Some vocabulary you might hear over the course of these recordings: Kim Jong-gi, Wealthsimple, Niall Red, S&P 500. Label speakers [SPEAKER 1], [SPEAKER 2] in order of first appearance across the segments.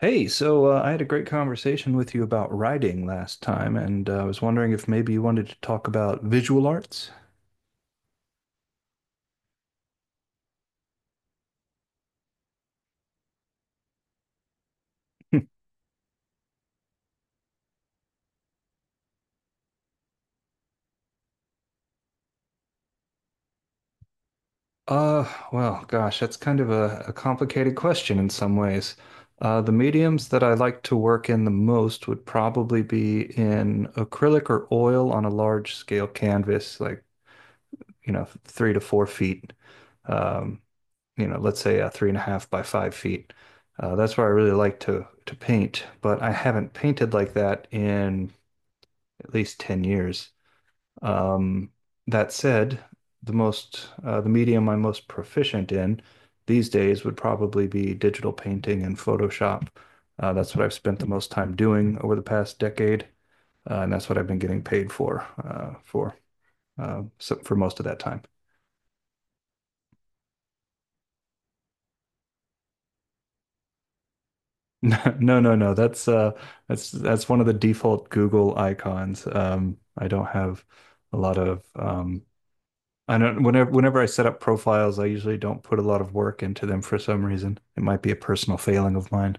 [SPEAKER 1] Hey, I had a great conversation with you about writing last time, and I was wondering if maybe you wanted to talk about visual arts? Well, gosh, that's kind of a complicated question in some ways. The mediums that I like to work in the most would probably be in acrylic or oil on a large scale canvas, like, you know, 3 to 4 feet. Um, you know, let's say a 3.5 by 5 feet. That's where I really like to paint, but I haven't painted like that in at least 10 years. Um, that said, the medium I'm most proficient in these days would probably be digital painting and Photoshop. That's what I've spent the most time doing over the past decade, and that's what I've been getting paid for so for most of that time. No, no, no. No. That's one of the default Google icons. I don't have a lot of um, I don't, whenever I set up profiles, I usually don't put a lot of work into them for some reason. It might be a personal failing of mine.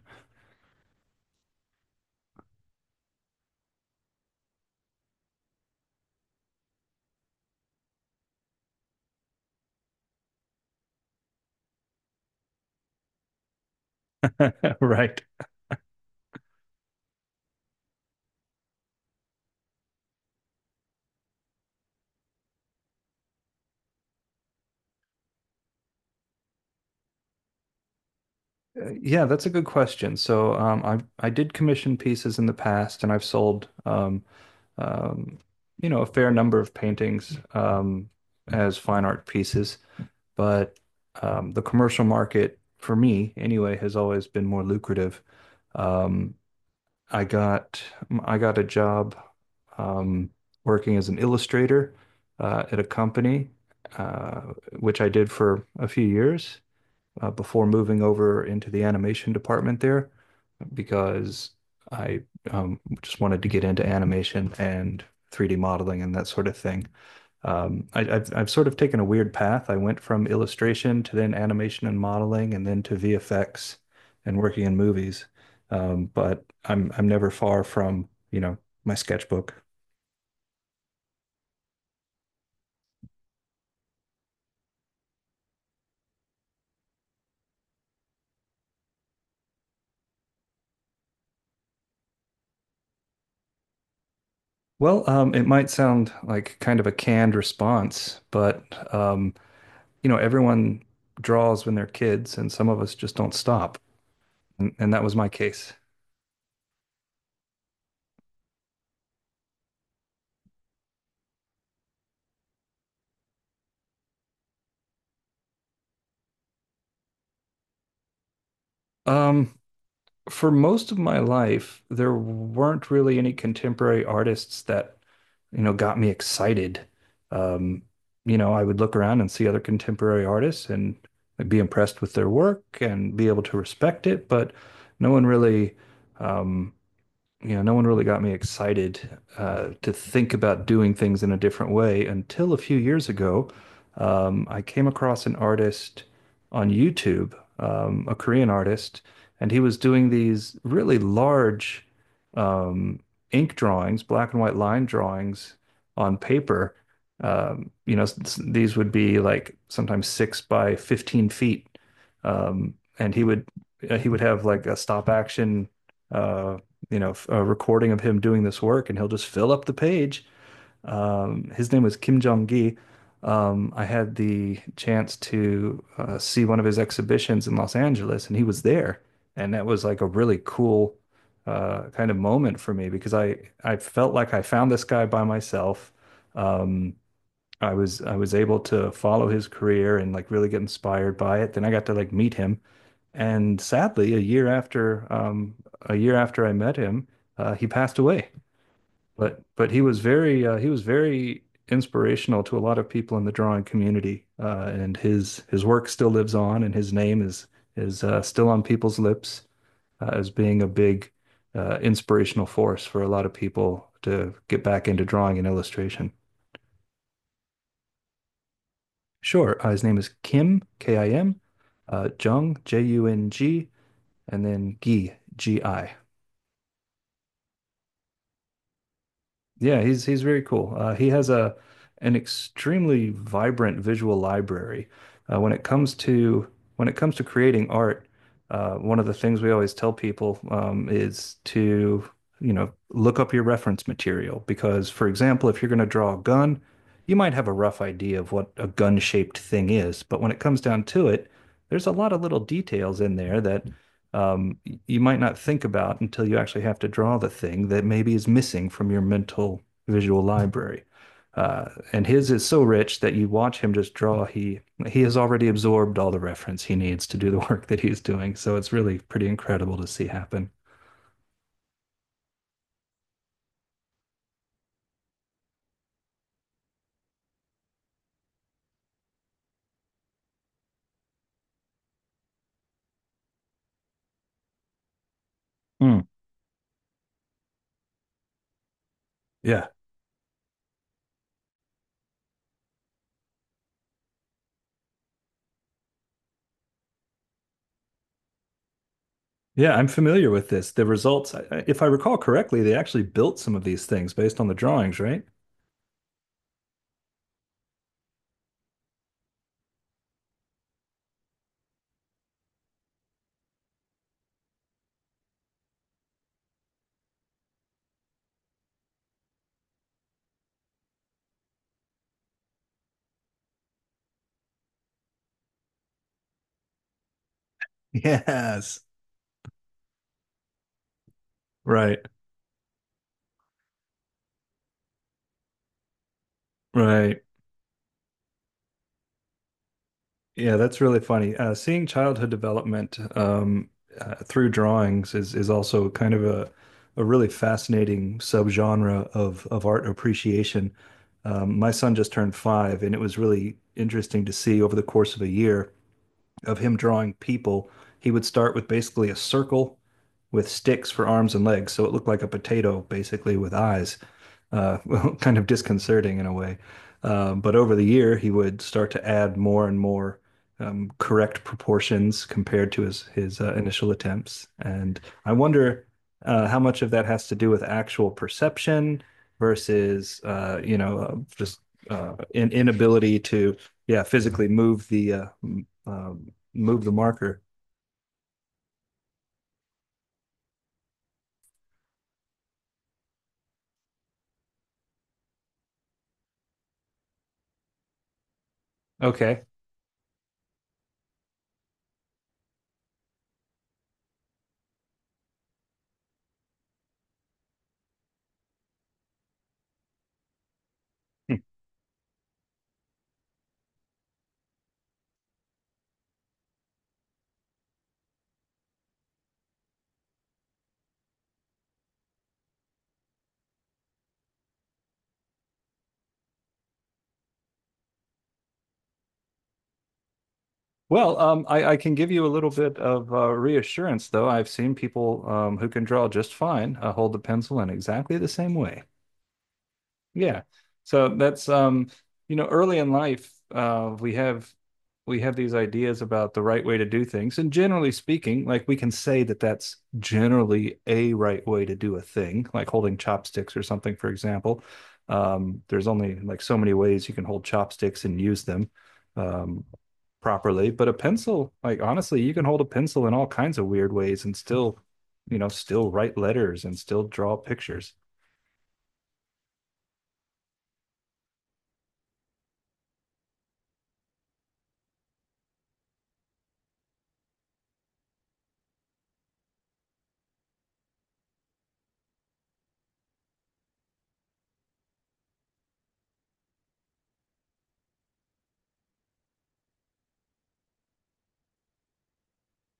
[SPEAKER 1] Right. Yeah, that's a good question. So I did commission pieces in the past, and I've sold um, you know, a fair number of paintings as fine art pieces. But the commercial market for me, anyway, has always been more lucrative. Um, I got I got a job, um, working as an illustrator at a company, uh, which I did for a few years before moving over into the animation department there because I just wanted to get into animation and 3D modeling and that sort of thing. I've sort of taken a weird path. I went from illustration to then animation and modeling and then to VFX and working in movies. But I'm never far from, you know, my sketchbook. Well, it might sound like kind of a canned response, but um, you know, everyone draws when they're kids, and some of us just don't stop. And that was my case. Um, for most of my life, there weren't really any contemporary artists that, you know, got me excited. Um, you know, I would look around and see other contemporary artists and I'd be impressed with their work and be able to respect it, but no one really, um, you know, no one really got me excited to think about doing things in a different way until a few years ago. I came across an artist on YouTube, a Korean artist, and he was doing these really large um, ink drawings, black and white line drawings on paper. Um, you know, s- these would be like sometimes 6 by 15 feet. Um, and he would, he would have like a stop action, uh, you know, a recording of him doing this work, and he'll just fill up the page. His name was Kim Jong-gi. I had the chance to see one of his exhibitions in Los Angeles, and he was there, and that was like a really cool kind of moment for me because I felt like I found this guy by myself. Um, I was able to follow his career and like really get inspired by it. Then I got to like meet him, and sadly, a year after I met him, he passed away. But he was very inspirational to a lot of people in the drawing community. And his work still lives on, and his name is still on people's lips as being a big inspirational force for a lot of people to get back into drawing and illustration. Sure, his name is Kim, K I M, Jung, J U N G, and then Gi, G I. Yeah, he's very cool. He has a an extremely vibrant visual library. Uh, when it comes to when it comes to creating art, one of the things we always tell people is to, you know, look up your reference material because, for example, if you're going to draw a gun, you might have a rough idea of what a gun-shaped thing is, but when it comes down to it, there's a lot of little details in there that um, you might not think about until you actually have to draw the thing that maybe is missing from your mental visual library. And his is so rich that you watch him just draw. He has already absorbed all the reference he needs to do the work that he's doing. So it's really pretty incredible to see happen. Hmm. Yeah. Yeah, I'm familiar with this. The results, if I recall correctly, they actually built some of these things based on the drawings, right? Yes. Right, right. Yeah, that's really funny. Seeing childhood development, through drawings is also kind of a really fascinating subgenre of art appreciation. My son just turned 5, and it was really interesting to see over the course of a year of him drawing people. He would start with basically a circle with sticks for arms and legs. So it looked like a potato, basically, with eyes. Well, kind of disconcerting in a way. But over the year, he would start to add more and more correct proportions compared to his initial attempts. And I wonder how much of that has to do with actual perception versus, you know, just inability to, yeah, physically move the marker. Okay. Well, I can give you a little bit of reassurance, though. I've seen people who can draw just fine hold the pencil in exactly the same way. Yeah. So that's You know, early in life, we have, we have these ideas about the right way to do things, and generally speaking, like we can say that that's generally a right way to do a thing, like holding chopsticks or something, for example. There's only like so many ways you can hold chopsticks and use them um, properly, but a pencil, like honestly, you can hold a pencil in all kinds of weird ways and still, you know, still write letters and still draw pictures.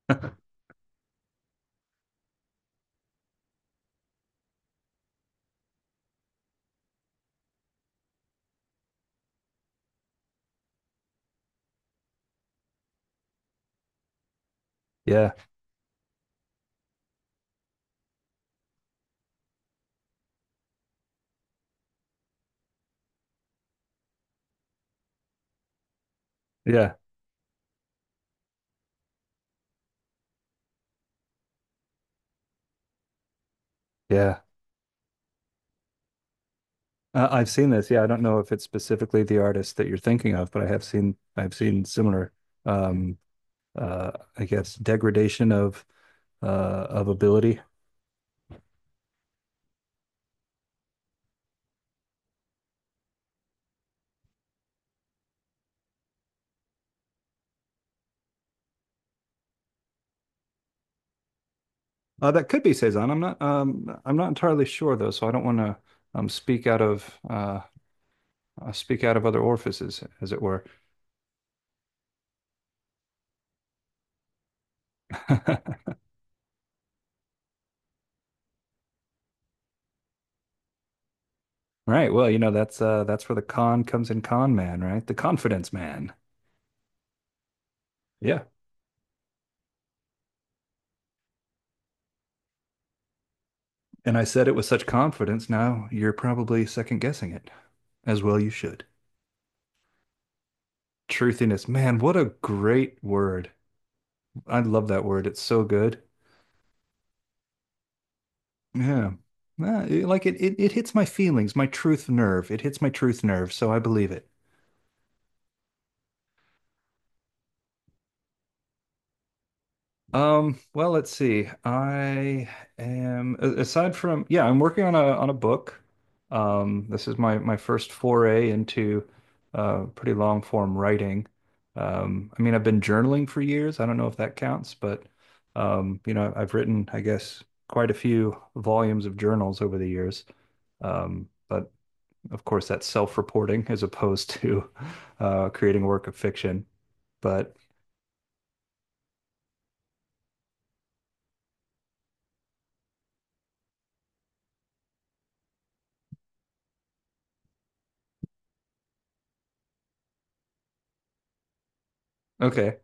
[SPEAKER 1] Yeah, yeah, yeah. I've seen this. Yeah, I don't know if it's specifically the artist that you're thinking of, but I have seen similar um I guess, degradation uh, of ability. That could be Cezanne. I'm not entirely sure though, so I don't want to speak out of, speak out of other orifices, as it were. Right. Well, you know, that's where the con comes in, con man, right? The confidence man. Yeah. And I said it with such confidence. Now you're probably second guessing it, as well you should. Truthiness. Man, what a great word. I love that word. It's so good. Yeah. Ah, like it hits my feelings, my truth nerve. It hits my truth nerve, so I believe it. Well, let's see. Aside from, yeah, I'm working on a book. This is my first foray into pretty long form writing. I mean, I've been journaling for years. I don't know if that counts, but you know, I've written, I guess, quite a few volumes of journals over the years. But of course, that's self-reporting as opposed to creating a work of fiction. But okay.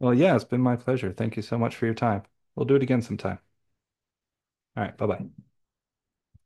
[SPEAKER 1] Well, yeah, it's been my pleasure. Thank you so much for your time. We'll do it again sometime. All right, bye-bye.